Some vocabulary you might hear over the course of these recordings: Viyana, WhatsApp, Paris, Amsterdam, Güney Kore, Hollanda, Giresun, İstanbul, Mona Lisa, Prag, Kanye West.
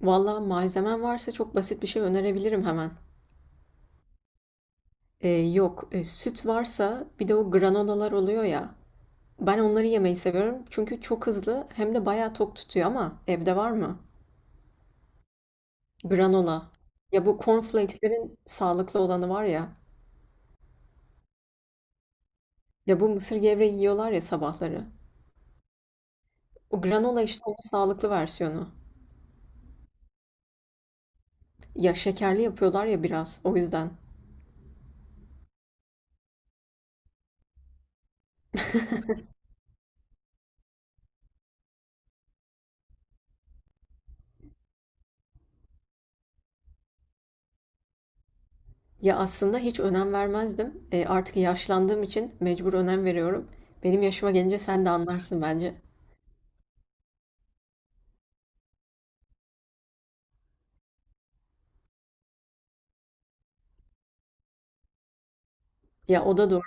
Valla malzemen varsa çok basit bir şey önerebilirim hemen. Yok, süt varsa bir de o granolalar oluyor ya. Ben onları yemeyi seviyorum çünkü çok hızlı hem de bayağı tok tutuyor ama evde var mı? Granola. Ya bu cornflakes'lerin sağlıklı olanı var ya. Ya bu mısır gevreği yiyorlar ya sabahları. O granola işte onun sağlıklı versiyonu. Ya şekerli yapıyorlar ya biraz o yüzden. Ya aslında hiç önem vermezdim. Artık yaşlandığım için mecbur önem veriyorum. Benim yaşıma gelince sen de anlarsın bence. Ya o da doğru.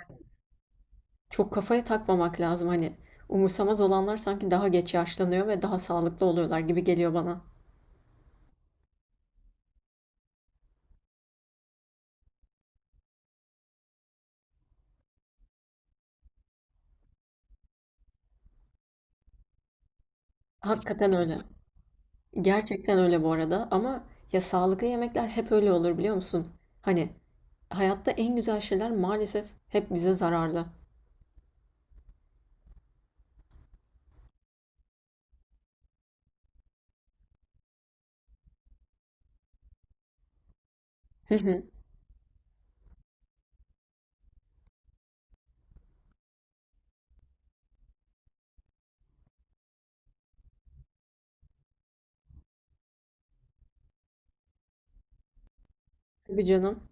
Çok kafaya takmamak lazım hani. Umursamaz olanlar sanki daha geç yaşlanıyor ve daha sağlıklı oluyorlar gibi geliyor bana. Hakikaten öyle. Gerçekten öyle bu arada ama ya sağlıklı yemekler hep öyle olur biliyor musun? Hani hayatta en güzel şeyler maalesef hep bize zararlı. Hı hı. Tabii canım.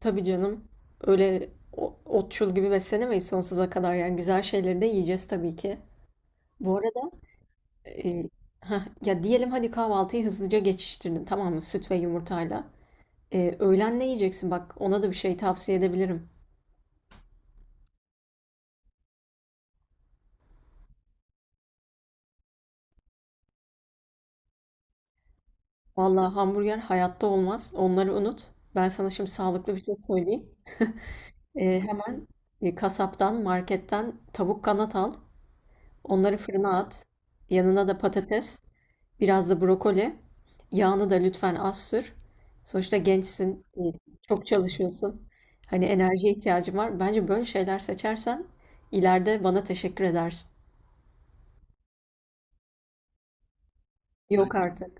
Tabii canım. Öyle otçul gibi beslenemeyiz sonsuza kadar yani güzel şeyleri de yiyeceğiz tabii ki. Bu arada e, heh, ya diyelim hadi kahvaltıyı hızlıca geçiştirdin tamam mı süt ve yumurtayla. Öğlen ne yiyeceksin? Bak ona da bir şey tavsiye edebilirim. Vallahi hamburger hayatta olmaz. Onları unut. Ben sana şimdi sağlıklı bir şey söyleyeyim. Hemen kasaptan, marketten tavuk kanat al. Onları fırına at. Yanına da patates, biraz da brokoli. Yağını da lütfen az sür. Sonuçta gençsin, çok çalışıyorsun. Hani enerjiye ihtiyacın var. Bence böyle şeyler seçersen ileride bana teşekkür edersin. Yok artık.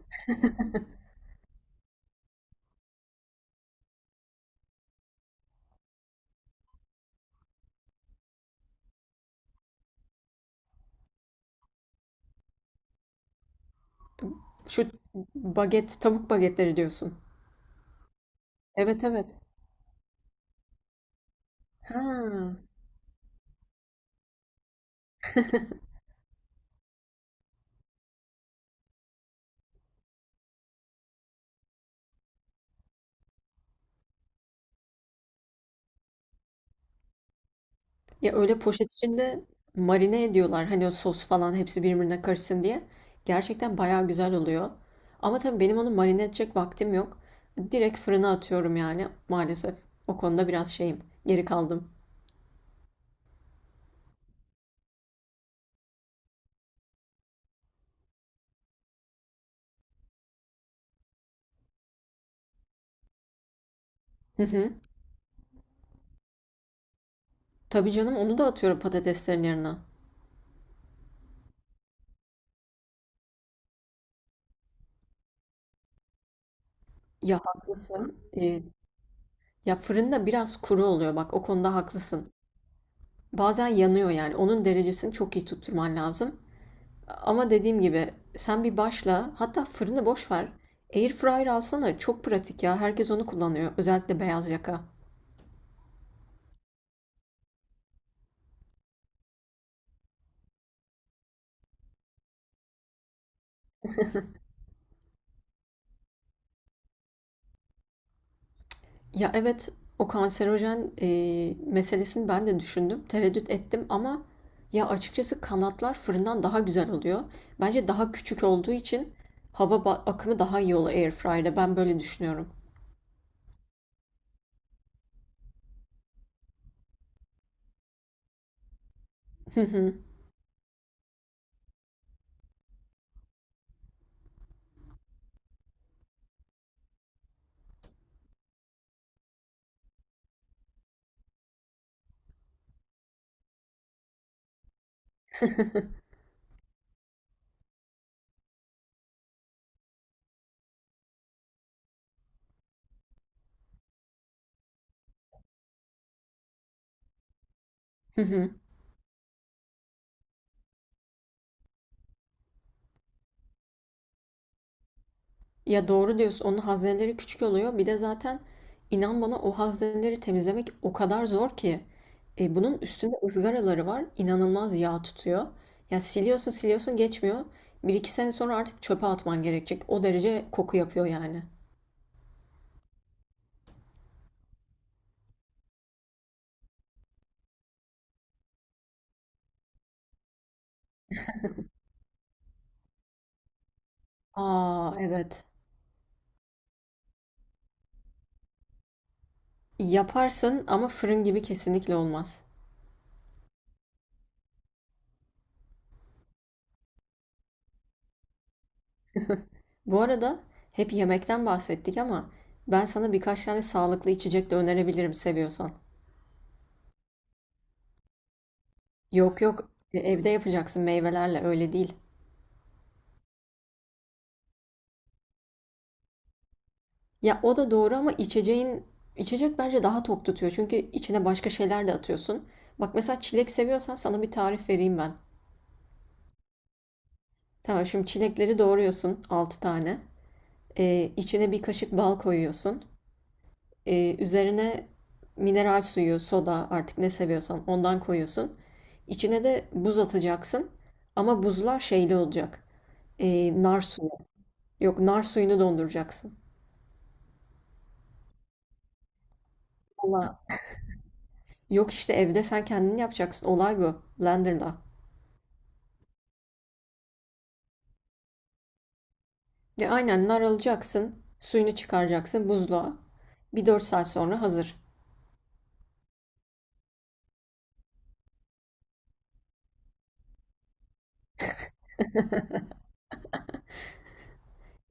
Şu baget, tavuk bagetleri diyorsun. Evet, evet. Ha. Ya öyle poşet içinde marine ediyorlar. Hani o sos falan hepsi birbirine karışsın diye. Gerçekten bayağı güzel oluyor. Ama tabii benim onu marine edecek vaktim yok. Direkt fırına atıyorum yani maalesef. O konuda biraz şeyim. Geri kaldım. Hı hı. Tabii canım onu da atıyorum patateslerin yerine. Ya haklısın. Ee, Ya fırında biraz kuru oluyor bak o konuda haklısın. Bazen yanıyor yani. Onun derecesini çok iyi tutturman lazım. Ama dediğim gibi sen bir başla. Hatta fırını boş ver. Airfryer alsana. Çok pratik ya. Herkes onu kullanıyor. Özellikle beyaz yaka. Ya evet, o kanserojen meselesini ben de düşündüm. Tereddüt ettim ama ya açıkçası kanatlar fırından daha güzel oluyor. Bence daha küçük olduğu için hava akımı daha iyi oluyor airfryer'da. Ben böyle düşünüyorum. Ya doğru diyorsun. Onun hazineleri küçük oluyor. Bir de zaten inan bana o hazineleri temizlemek o kadar zor ki. Bunun üstünde ızgaraları var. İnanılmaz yağ tutuyor. Ya siliyorsun siliyorsun geçmiyor. Bir iki sene sonra artık çöpe atman gerekecek. O derece koku yapıyor yani. Aa, evet. Yaparsın ama fırın gibi kesinlikle olmaz. Bu arada hep yemekten bahsettik ama ben sana birkaç tane sağlıklı içecek de önerebilirim seviyorsan. Yok, yok, evde yapacaksın meyvelerle, öyle değil. Ya o da doğru ama içeceğin içecek bence daha tok tutuyor. Çünkü içine başka şeyler de atıyorsun. Bak mesela çilek seviyorsan sana bir tarif vereyim ben. Tamam, şimdi çilekleri doğruyorsun 6 tane. İçine bir kaşık bal koyuyorsun. Üzerine mineral suyu, soda, artık ne seviyorsan ondan koyuyorsun. İçine de buz atacaksın. Ama buzlar şeyli olacak. Nar suyu. Yok, nar suyunu donduracaksın. Valla. Yok işte evde sen kendin yapacaksın. Olay bu. Blender'la. Ve aynen, nar alacaksın, suyunu çıkaracaksın buzluğa. Bir 4 saat sonra hazır.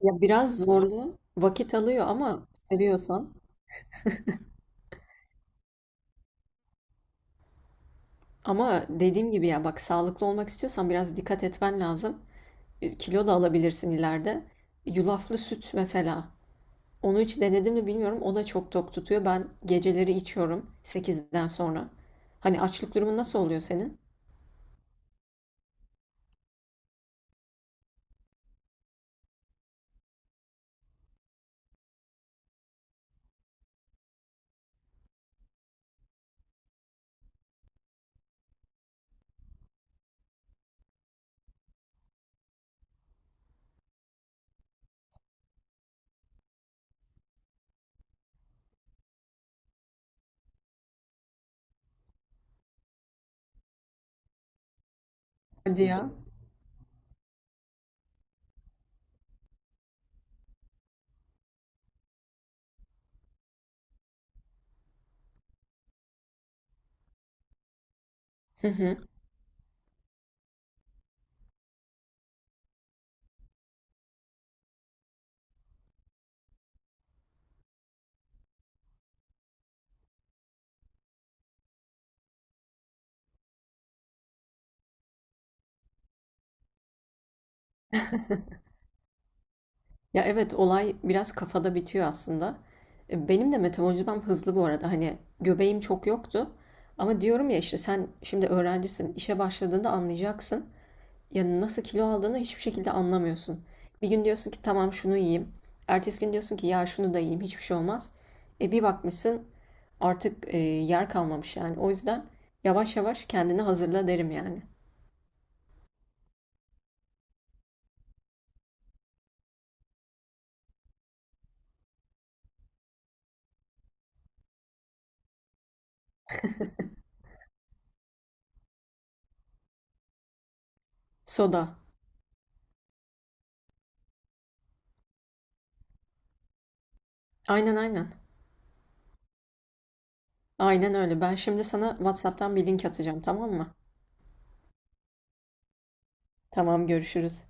Ya biraz zorlu, vakit alıyor ama seviyorsan. Ama dediğim gibi ya bak, sağlıklı olmak istiyorsan biraz dikkat etmen lazım. Kilo da alabilirsin ileride. Yulaflı süt mesela. Onu hiç denedim mi bilmiyorum. O da çok tok tutuyor. Ben geceleri içiyorum 8'den sonra. Hani açlık durumu nasıl oluyor senin? Hadi ya. Hı hı. Ya evet, olay biraz kafada bitiyor aslında. Benim de metabolizmam hızlı bu arada. Hani göbeğim çok yoktu. Ama diyorum ya, işte sen şimdi öğrencisin. İşe başladığında anlayacaksın. Yani nasıl kilo aldığını hiçbir şekilde anlamıyorsun. Bir gün diyorsun ki tamam şunu yiyeyim. Ertesi gün diyorsun ki ya şunu da yiyeyim, hiçbir şey olmaz. Bir bakmışsın artık yer kalmamış yani. O yüzden yavaş yavaş kendini hazırla derim yani. Soda. Aynen aynen. Aynen öyle. Ben şimdi sana WhatsApp'tan bir link atacağım tamam mı? Tamam, görüşürüz.